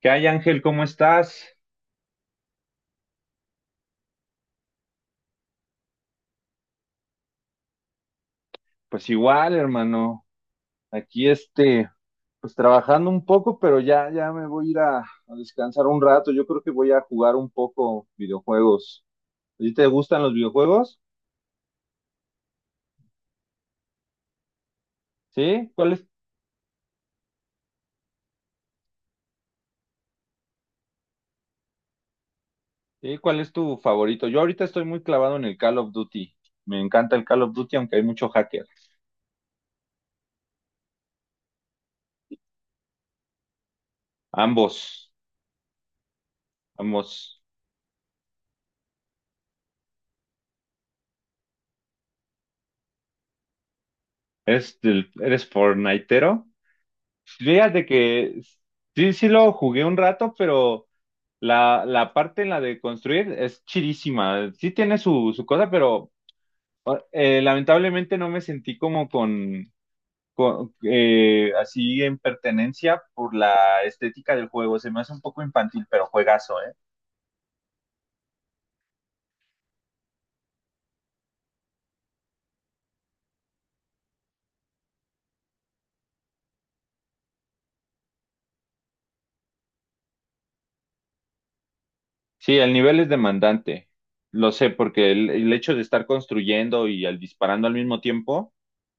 ¿Qué hay, Ángel? ¿Cómo estás? Pues igual, hermano. Aquí pues trabajando un poco, pero ya me voy a ir a descansar un rato. Yo creo que voy a jugar un poco videojuegos. ¿A ti te gustan los videojuegos? ¿Sí? Sí, ¿cuál es tu favorito? Yo ahorita estoy muy clavado en el Call of Duty. Me encanta el Call of Duty, aunque hay mucho hacker. Ambos, ambos. ¿Eres fortnitero? Fíjate que sí, sí lo jugué un rato, pero la parte en la de construir es chidísima. Sí tiene su cosa, pero lamentablemente no me sentí como con, así en pertenencia por la estética del juego. Se me hace un poco infantil, pero juegazo, ¿eh? Sí, el nivel es demandante. Lo sé, porque el hecho de estar construyendo y al disparando al mismo tiempo.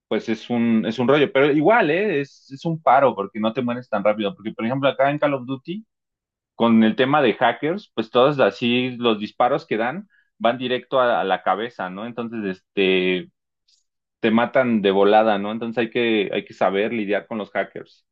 Pues es es un rollo, pero igual, ¿eh? Es un paro porque no te mueres tan rápido, porque por ejemplo acá en Call of Duty, con el tema de hackers, pues todos así los disparos que dan van directo a la cabeza, ¿no? Entonces, te matan de volada, ¿no? Entonces hay que saber lidiar con los hackers.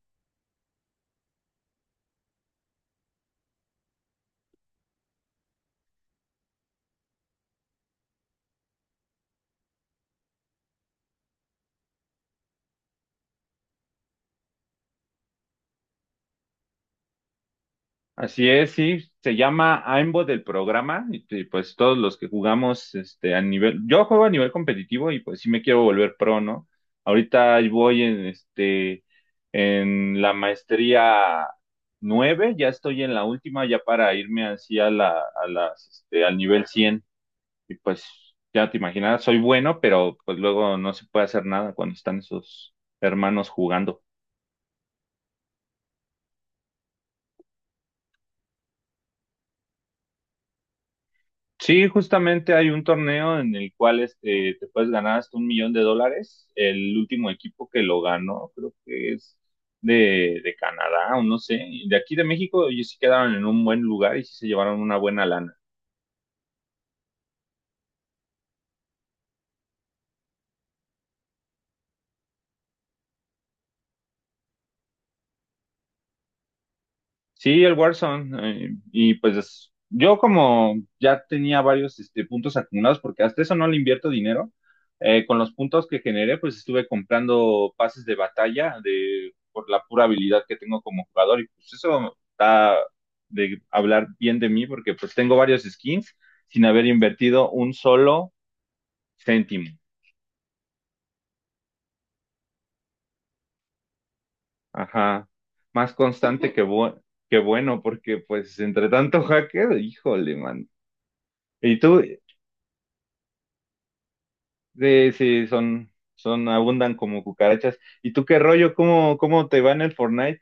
Así es, sí, se llama AIMBot del programa y, pues todos los que jugamos este a nivel, yo juego a nivel competitivo y pues sí me quiero volver pro, ¿no? Ahorita ahí voy en este en la maestría 9. Ya estoy en la última ya para irme así a la a las este al nivel 100 y pues ya te imaginas, soy bueno, pero pues luego no se puede hacer nada cuando están esos hermanos jugando. Sí, justamente hay un torneo en el cual este, te puedes ganar hasta un millón de dólares. El último equipo que lo ganó, creo que es de Canadá o no sé. Y de aquí de México, ellos sí quedaron en un buen lugar y sí se llevaron una buena lana. Sí, el Warzone. Eh, y pues yo como ya tenía varios este, puntos acumulados, porque hasta eso no le invierto dinero, con los puntos que generé, pues estuve comprando pases de batalla de, por la pura habilidad que tengo como jugador. Y pues eso está de hablar bien de mí, porque pues tengo varios skins sin haber invertido un solo céntimo. Ajá. Más constante que, que bueno, porque pues entre tanto hacker, híjole, man. ¿Y tú? Sí, sí, son, abundan como cucarachas. ¿Y tú qué rollo? ¿Cómo, cómo te va en el Fortnite?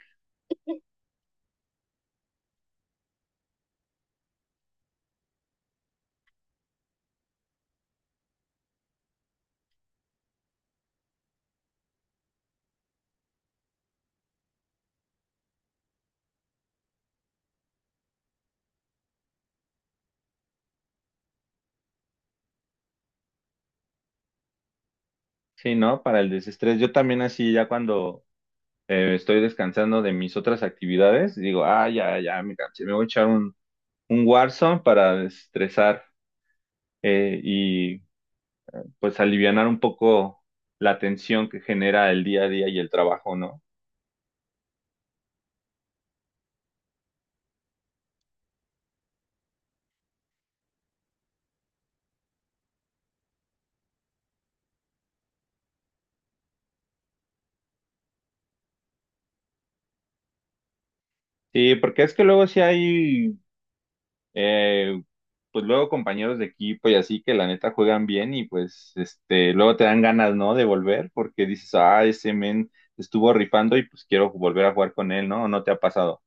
Sí, ¿no? Para el desestrés. Yo también así, ya cuando estoy descansando de mis otras actividades, digo, ah, ya, ya, me cansé, me voy a echar un Warzone para desestresar y pues alivianar un poco la tensión que genera el día a día y el trabajo, ¿no? Sí, porque es que luego sí hay Eh, pues luego compañeros de equipo y así que la neta juegan bien y pues este, luego te dan ganas, ¿no? De volver porque dices, ah, ese men estuvo rifando y pues quiero volver a jugar con él, ¿no? ¿No te ha pasado?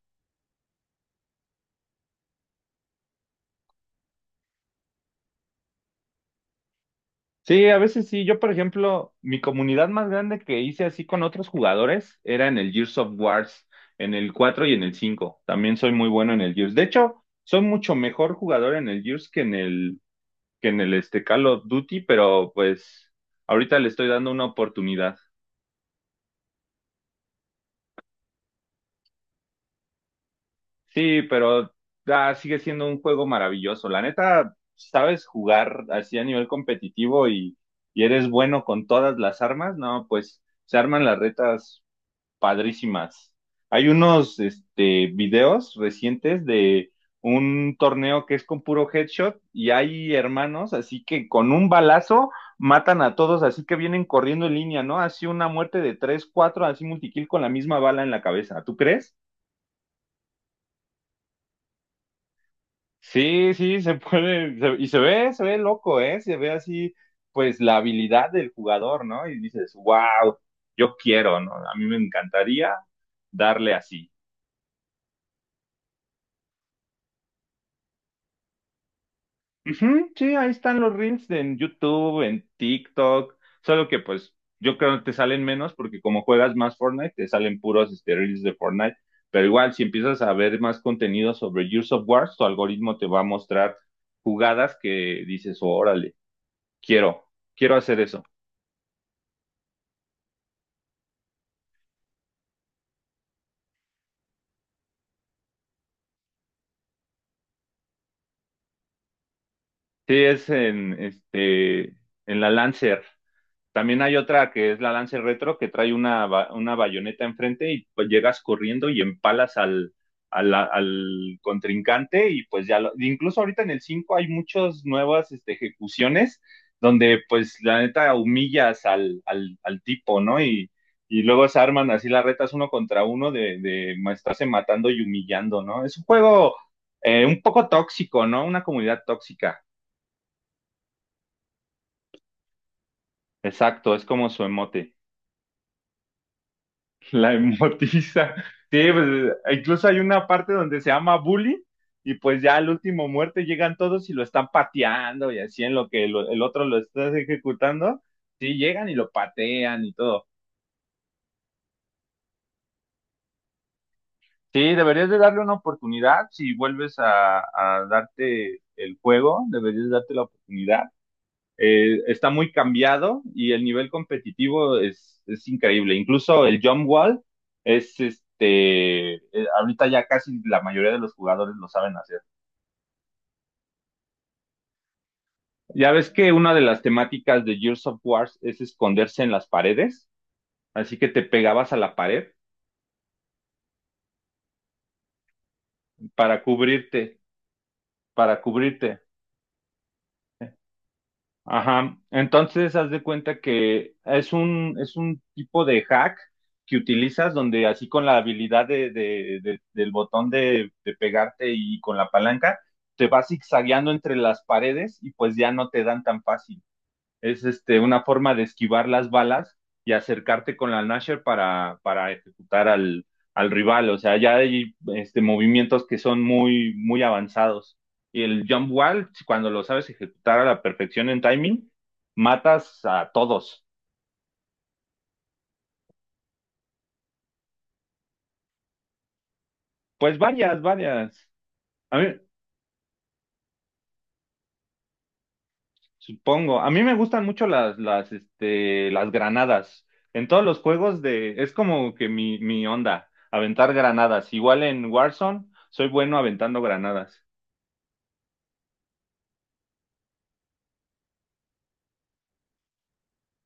Sí, a veces sí. Yo, por ejemplo, mi comunidad más grande que hice así con otros jugadores era en el Gears of Wars, en el 4 y en el 5. También soy muy bueno en el Gears. De hecho, soy mucho mejor jugador en el Gears que en que en el este Call of Duty, pero pues ahorita le estoy dando una oportunidad. Sí, pero ah, sigue siendo un juego maravilloso. La neta, sabes jugar así a nivel competitivo y eres bueno con todas las armas, no, pues se arman las retas padrísimas. Hay unos este, videos recientes de un torneo que es con puro headshot y hay hermanos así que con un balazo matan a todos, así que vienen corriendo en línea, ¿no? Así una muerte de tres, cuatro, así multikill con la misma bala en la cabeza. ¿Tú crees? Sí, sí, se puede, y se ve loco, ¿eh? Se ve así, pues, la habilidad del jugador, ¿no? Y dices, wow, yo quiero, ¿no? A mí me encantaría darle así. Ujú, sí, ahí están los reels en YouTube, en TikTok, solo que, pues, yo creo que te salen menos porque como juegas más Fortnite, te salen puros este, reels de Fortnite, pero igual, si empiezas a ver más contenido sobre Gears of War, tu algoritmo te va a mostrar jugadas que dices, órale, quiero, quiero hacer eso. Sí, es en, este, en la Lancer. También hay otra que es la Lancer Retro que trae una, una bayoneta enfrente y pues llegas corriendo y empalas al contrincante y pues ya incluso ahorita en el 5 hay muchas nuevas este, ejecuciones donde pues la neta humillas al tipo, ¿no? Y luego se arman así las retas uno contra uno de, estarse matando y humillando, ¿no? Es un juego un poco tóxico, ¿no? Una comunidad tóxica. Exacto, es como su emote. La emotiza. Sí, pues, incluso hay una parte donde se llama Bully y pues ya al último muerte llegan todos y lo están pateando y así en lo que el otro lo está ejecutando. Sí, llegan y lo patean y todo. Sí, deberías de darle una oportunidad si vuelves a darte el juego, deberías darte la oportunidad. Eh, está muy cambiado y el nivel competitivo es increíble. Incluso el jump wall es este, ahorita ya casi la mayoría de los jugadores lo saben hacer. Ya ves que una de las temáticas de Gears of War es esconderse en las paredes, así que te pegabas a la pared para cubrirte, para cubrirte. Ajá, entonces haz de cuenta que es un tipo de hack que utilizas donde así con la habilidad del botón de pegarte y con la palanca, te vas zigzagueando entre las paredes y pues ya no te dan tan fácil es este, una forma de esquivar las balas y acercarte con la Nasher para ejecutar al rival. O sea, ya hay este, movimientos que son muy, muy avanzados. Y el jump wall, cuando lo sabes ejecutar a la perfección en timing, matas a todos. Pues varias, varias. A mí, supongo. A mí me gustan mucho este, las granadas. En todos los juegos de... Es como que mi onda, aventar granadas. Igual en Warzone, soy bueno aventando granadas.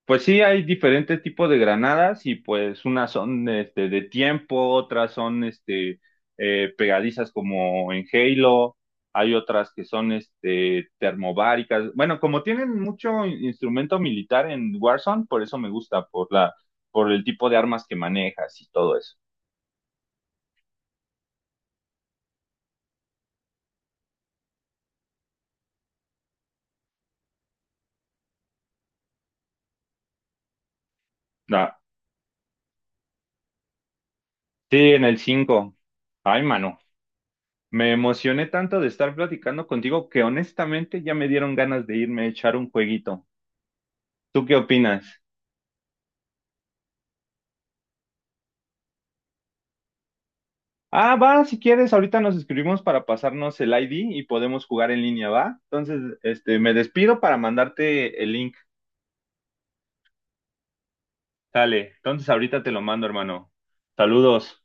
Pues sí, hay diferentes tipos de granadas y pues unas son este, de tiempo, otras son este, pegadizas como en Halo, hay otras que son este, termobáricas. Bueno, como tienen mucho instrumento militar en Warzone, por eso me gusta, por por el tipo de armas que manejas y todo eso. Ah, sí, en el 5. Ay, mano, me emocioné tanto de estar platicando contigo que honestamente ya me dieron ganas de irme a echar un jueguito. ¿Tú qué opinas? Ah, va, si quieres, ahorita nos escribimos para pasarnos el ID y podemos jugar en línea, ¿va? Entonces, este, me despido para mandarte el link. Sale, entonces ahorita te lo mando, hermano. Saludos.